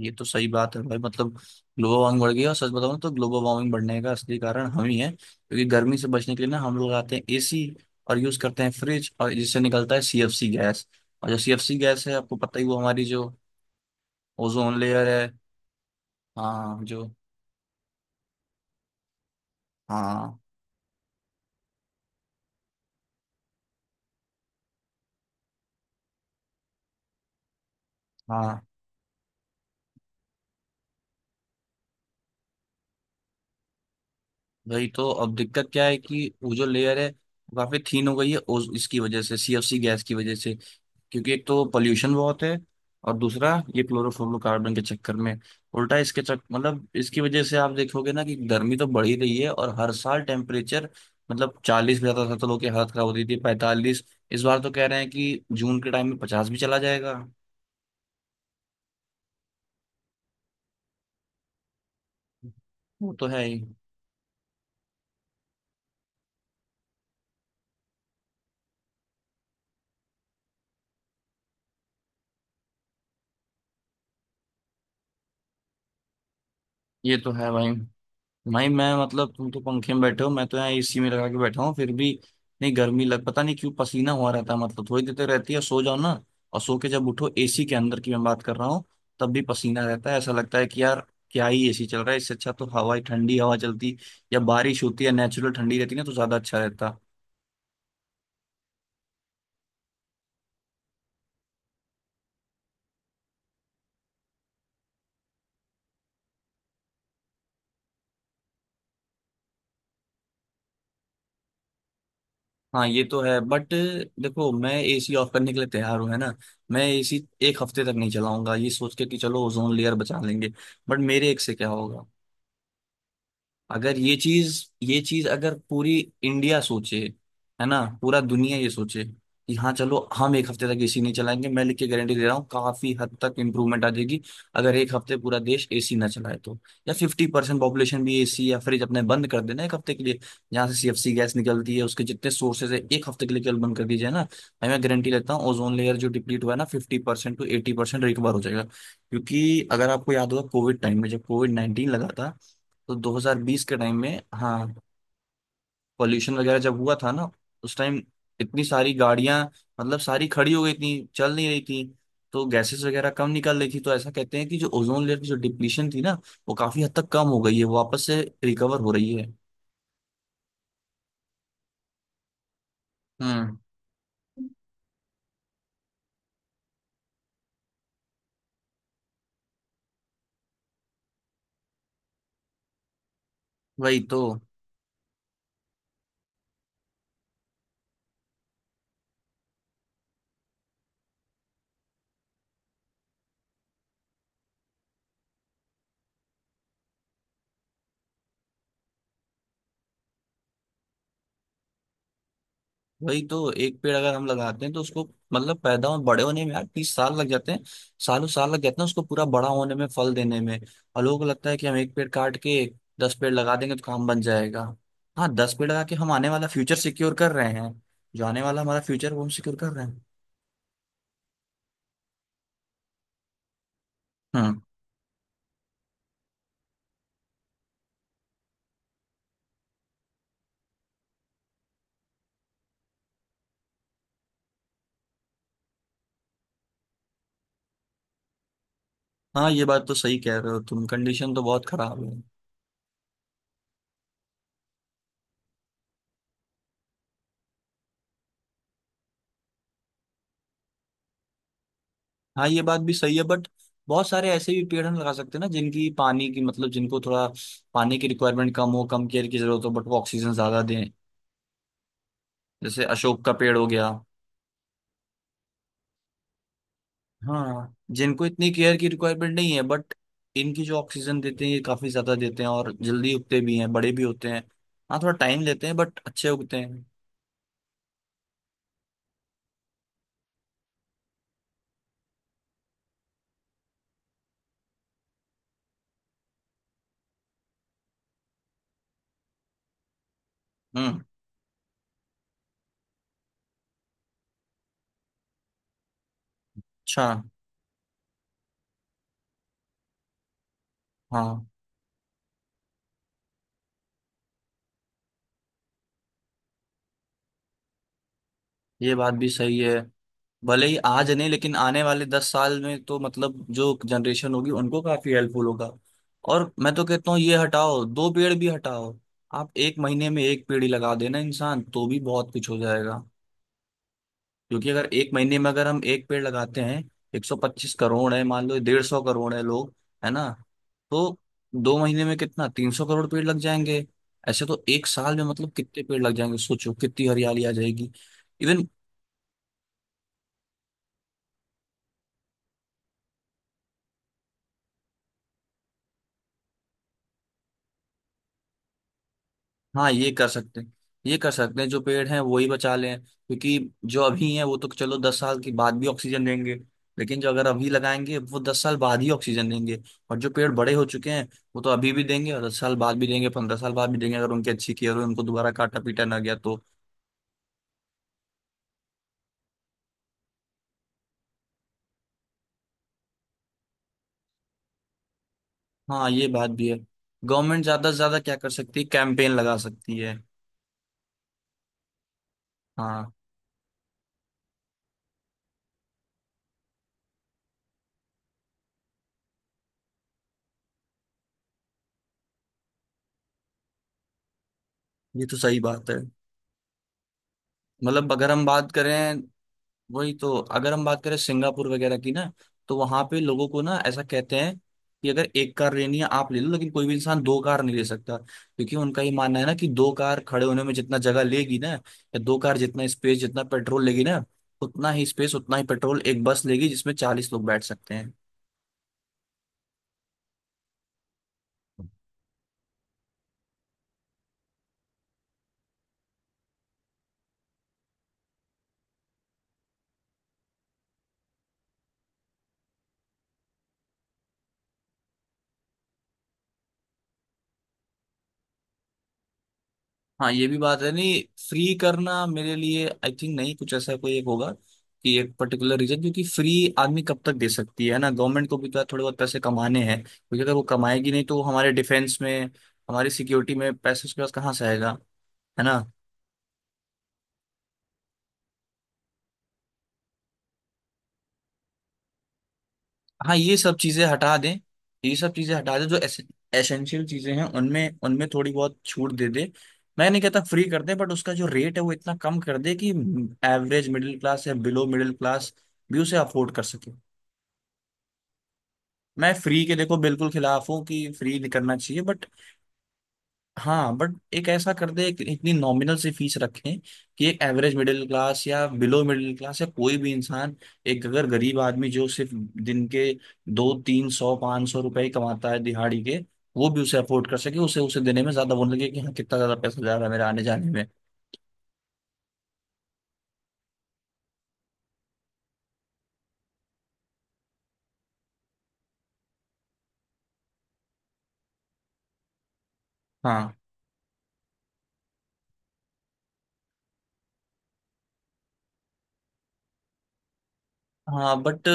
ये तो सही बात है भाई। मतलब ग्लोबल वार्मिंग बढ़ गई है और सच बताऊं तो ग्लोबल वार्मिंग बढ़ने का असली कारण हम ही है, क्योंकि गर्मी से बचने के लिए ना हम लोग आते हैं एसी और यूज करते हैं फ्रिज, और जिससे निकलता है सीएफसी गैस। और जो सीएफसी गैस है, आपको पता ही, वो हमारी जो ओजोन लेयर है। हाँ जो। हाँ। हाँ। वही तो, अब दिक्कत क्या है कि वो जो लेयर है वो काफी थीन हो गई है ओज इसकी वजह से, सीएफसी गैस की वजह से। क्योंकि एक तो पोल्यूशन बहुत है, और दूसरा ये क्लोरोफ्लोरोकार्बन के चक्कर में उल्टा इसके चक मतलब इसकी वजह से आप देखोगे ना कि गर्मी तो बढ़ ही रही है और हर साल टेम्परेचर, मतलब 40 भी जाता था तो लोग की हालत खराब होती थी, 45। इस बार तो कह रहे हैं कि जून के टाइम में 50 भी चला जाएगा। वो तो है ही। ये तो है भाई। भाई मैं, मतलब तुम तो पंखे में बैठे हो, मैं तो यहाँ एसी में लगा के बैठा हूँ, फिर भी नहीं गर्मी लग, पता नहीं क्यों पसीना हुआ रहता है। मतलब थोड़ी देर तक रहती है, सो जाओ ना, और सो के जब उठो, एसी के अंदर की मैं बात कर रहा हूँ, तब भी पसीना रहता है। ऐसा लगता है कि यार क्या ही एसी चल रहा है, इससे अच्छा तो हवा ही, ठंडी हवा चलती या बारिश होती है, नेचुरल ठंडी रहती ना, तो ज्यादा अच्छा रहता। हाँ ये तो है, बट देखो, मैं एसी ऑफ करने के लिए तैयार हूँ, है ना। मैं एसी एक हफ्ते तक नहीं चलाऊंगा, ये सोच के कि चलो ओजोन लेयर बचा लेंगे, बट मेरे एक से क्या होगा। अगर ये चीज, ये चीज अगर पूरी इंडिया सोचे, है ना, पूरा दुनिया ये सोचे कि हाँ चलो हम एक हफ्ते तक एसी नहीं चलाएंगे, मैं लिख के गारंटी दे रहा हूँ, काफी हद तक इंप्रूवमेंट आ जाएगी अगर एक हफ्ते पूरा देश एसी ना चलाए तो। या 50% पॉपुलेशन भी एसी या फ्रिज अपने बंद कर देना एक हफ्ते के लिए, जहाँ से सीएफसी गैस निकलती है उसके जितने सोर्सेज है एक हफ्ते के लिए केवल बंद कर दीजिए ना भाई, मैं गारंटी लेता हूँ ओजोन लेयर जो डिप्लीट हुआ है ना 50% टू 80% रिकवर हो जाएगा। क्योंकि अगर आपको याद होगा, कोविड टाइम में जब COVID-19 लगा था तो 2020 के टाइम में, हाँ, पॉल्यूशन वगैरह जब हुआ था ना, उस टाइम इतनी सारी गाड़ियां, मतलब सारी खड़ी हो गई थी, चल नहीं रही थी, तो गैसेस वगैरह कम निकल रही थी। तो ऐसा कहते हैं कि जो ओजोन लेयर की जो डिप्लीशन थी ना वो काफी हद तक कम हो गई है, वो वापस से रिकवर हो रही है। हम्म। वही तो। एक पेड़ अगर हम लगाते हैं तो उसको, मतलब पैदा हो, बड़े होने में यार 30 साल लग जाते हैं, सालों साल लग जाते हैं उसको पूरा बड़ा होने में, फल देने में। और लोगों को लगता है कि हम एक पेड़ काट के 10 पेड़ लगा देंगे तो काम बन जाएगा। हाँ 10 पेड़ लगा के हम आने वाला फ्यूचर सिक्योर कर रहे हैं। जो आने वाला हमारा फ्यूचर वो हम सिक्योर कर रहे हैं। हम्म। हाँ ये बात तो सही कह रहे हो तुम, कंडीशन तो बहुत खराब है। हाँ ये बात भी सही है, बट बहुत सारे ऐसे भी पेड़ हम लगा सकते हैं ना जिनकी पानी की, मतलब जिनको थोड़ा पानी की रिक्वायरमेंट कम हो, कम केयर की जरूरत हो, बट वो ऑक्सीजन ज्यादा दें। जैसे अशोक का पेड़ हो गया। हाँ, जिनको इतनी केयर की रिक्वायरमेंट नहीं है, बट इनकी जो ऑक्सीजन देते हैं ये काफी ज्यादा देते हैं, और जल्दी उगते भी हैं, बड़े भी होते हैं। हाँ थोड़ा टाइम लेते हैं बट अच्छे उगते हैं। हम्म। अच्छा। हाँ ये बात भी सही है, भले ही आज नहीं, लेकिन आने वाले 10 साल में तो मतलब जो जनरेशन होगी उनको काफी हेल्पफुल होगा। और मैं तो कहता हूँ ये हटाओ दो पेड़ भी हटाओ, आप एक महीने में एक पेड़ ही लगा देना इंसान तो भी बहुत कुछ हो जाएगा। क्योंकि अगर एक महीने में अगर हम एक पेड़ लगाते हैं, 125 करोड़ है, मान लो 150 करोड़ है लोग, है ना, तो दो महीने में कितना, 300 करोड़ पेड़ लग जाएंगे। ऐसे तो एक साल में मतलब कितने पेड़ लग जाएंगे, सोचो कितनी हरियाली आ जाएगी। इवन। हाँ ये कर सकते हैं। ये कर सकते हैं, जो पेड़ हैं वो ही बचा लें, क्योंकि जो अभी हैं वो तो चलो 10 साल के बाद भी ऑक्सीजन देंगे, लेकिन जो अगर अभी लगाएंगे वो 10 साल बाद ही ऑक्सीजन देंगे। और जो पेड़ बड़े हो चुके हैं वो तो अभी भी देंगे और 10 साल बाद भी देंगे, 15 साल बाद भी देंगे, अगर उनकी अच्छी केयर हो, उनको दोबारा काटा पीटा ना गया तो। हाँ ये बात भी है। गवर्नमेंट ज्यादा से ज्यादा क्या कर सकती है, कैंपेन लगा सकती है। हाँ ये तो सही बात है। मतलब अगर हम बात करें, वही तो, अगर हम बात करें सिंगापुर वगैरह की ना, तो वहां पे लोगों को ना ऐसा कहते हैं कि अगर एक कार लेनी है आप ले लो, लेकिन कोई भी इंसान दो कार नहीं ले सकता, क्योंकि उनका ये मानना है ना कि दो कार खड़े होने में जितना जगह लेगी ना, या दो कार जितना स्पेस, जितना पेट्रोल लेगी ना, उतना ही स्पेस उतना ही पेट्रोल एक बस लेगी जिसमें 40 लोग बैठ सकते हैं। हाँ ये भी बात है। नहीं फ्री करना मेरे लिए, आई थिंक नहीं, कुछ ऐसा कोई एक होगा कि एक पर्टिकुलर रीजन, क्योंकि फ्री आदमी कब तक दे सकती है ना, गवर्नमेंट को भी तो थोड़े बहुत पैसे कमाने हैं, क्योंकि अगर वो कमाएगी नहीं तो हमारे डिफेंस में, हमारी सिक्योरिटी में पैसे उसके पास कहाँ से आएगा, है ना। हाँ ये सब चीजें हटा दें। ये सब चीजें हटा दें, जो एसेंशियल चीजें हैं उनमें, उनमें थोड़ी बहुत छूट दे दे। मैं नहीं कहता फ्री कर दे, बट उसका जो रेट है वो इतना कम कर दे कि एवरेज मिडिल क्लास या बिलो मिडिल क्लास भी उसे अफोर्ड कर सके। मैं फ्री के, देखो, बिल्कुल खिलाफ हूँ कि फ्री नहीं करना चाहिए बट, हाँ बट एक ऐसा कर दे, एक इतनी नॉमिनल सी फीस रखें कि एक एवरेज मिडिल क्लास या बिलो मिडिल क्लास या कोई भी इंसान, एक अगर गरीब आदमी जो सिर्फ दिन के 200, 300, 500 रुपए ही कमाता है दिहाड़ी के, वो भी उसे अफोर्ड कर सके। उसे, उसे देने में ज्यादा वो ना लगे कि हाँ कितना ज्यादा पैसा जा रहा है मेरा आने जाने में। हाँ। हाँ बट,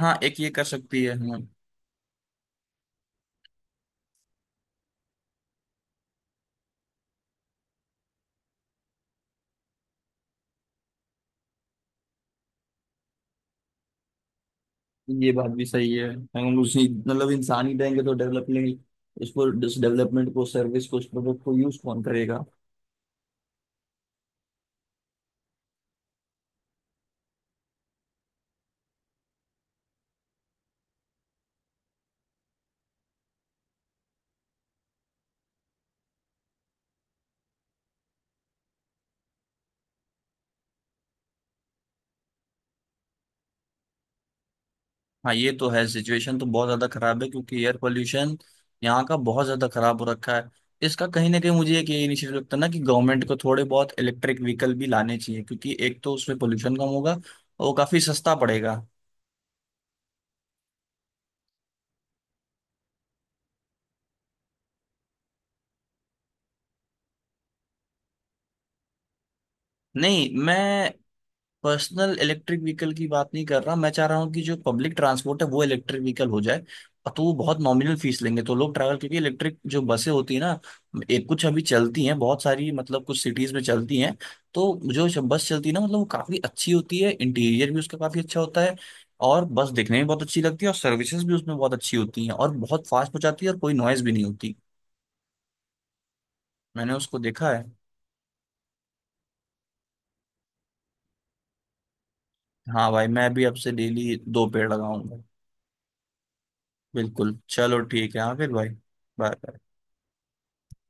हाँ एक ये कर सकती है, हाँ। ये बात भी सही है। हम उसी, मतलब इंसान ही देंगे तो डेवलपमेंट, उसको, इस डेवलपमेंट को, सर्विस को, उस प्रोडक्ट को यूज कौन करेगा। हाँ ये तो है, सिचुएशन तो बहुत ज्यादा खराब है, क्योंकि एयर पोल्यूशन यहाँ का बहुत ज्यादा खराब हो रखा है। इसका कहीं ना कहीं मुझे एक ये इनिशिएटिव लगता है ना कि गवर्नमेंट को थोड़े बहुत इलेक्ट्रिक व्हीकल भी लाने चाहिए, क्योंकि एक तो उसमें पोल्यूशन कम होगा और वो काफी सस्ता पड़ेगा। नहीं मैं पर्सनल इलेक्ट्रिक व्हीकल की बात नहीं कर रहा, मैं चाह रहा हूँ कि जो पब्लिक ट्रांसपोर्ट है वो इलेक्ट्रिक व्हीकल हो जाए, और तो वो बहुत नॉमिनल फीस लेंगे तो लोग ट्रैवल, क्योंकि इलेक्ट्रिक जो बसें होती है ना, एक कुछ अभी चलती हैं, बहुत सारी मतलब कुछ सिटीज में चलती हैं, तो जो बस चलती है ना, मतलब वो काफी अच्छी होती है, इंटीरियर भी उसका काफी अच्छा होता है, और बस देखने में बहुत अच्छी लगती है, और सर्विसेज भी उसमें बहुत अच्छी होती हैं और बहुत फास्ट पहुंचाती है, और कोई नॉइज भी नहीं होती। मैंने उसको देखा है। हाँ भाई मैं भी अब से डेली दो पेड़ लगाऊंगा। बिल्कुल, चलो ठीक है, हाँ, फिर भाई। बाय।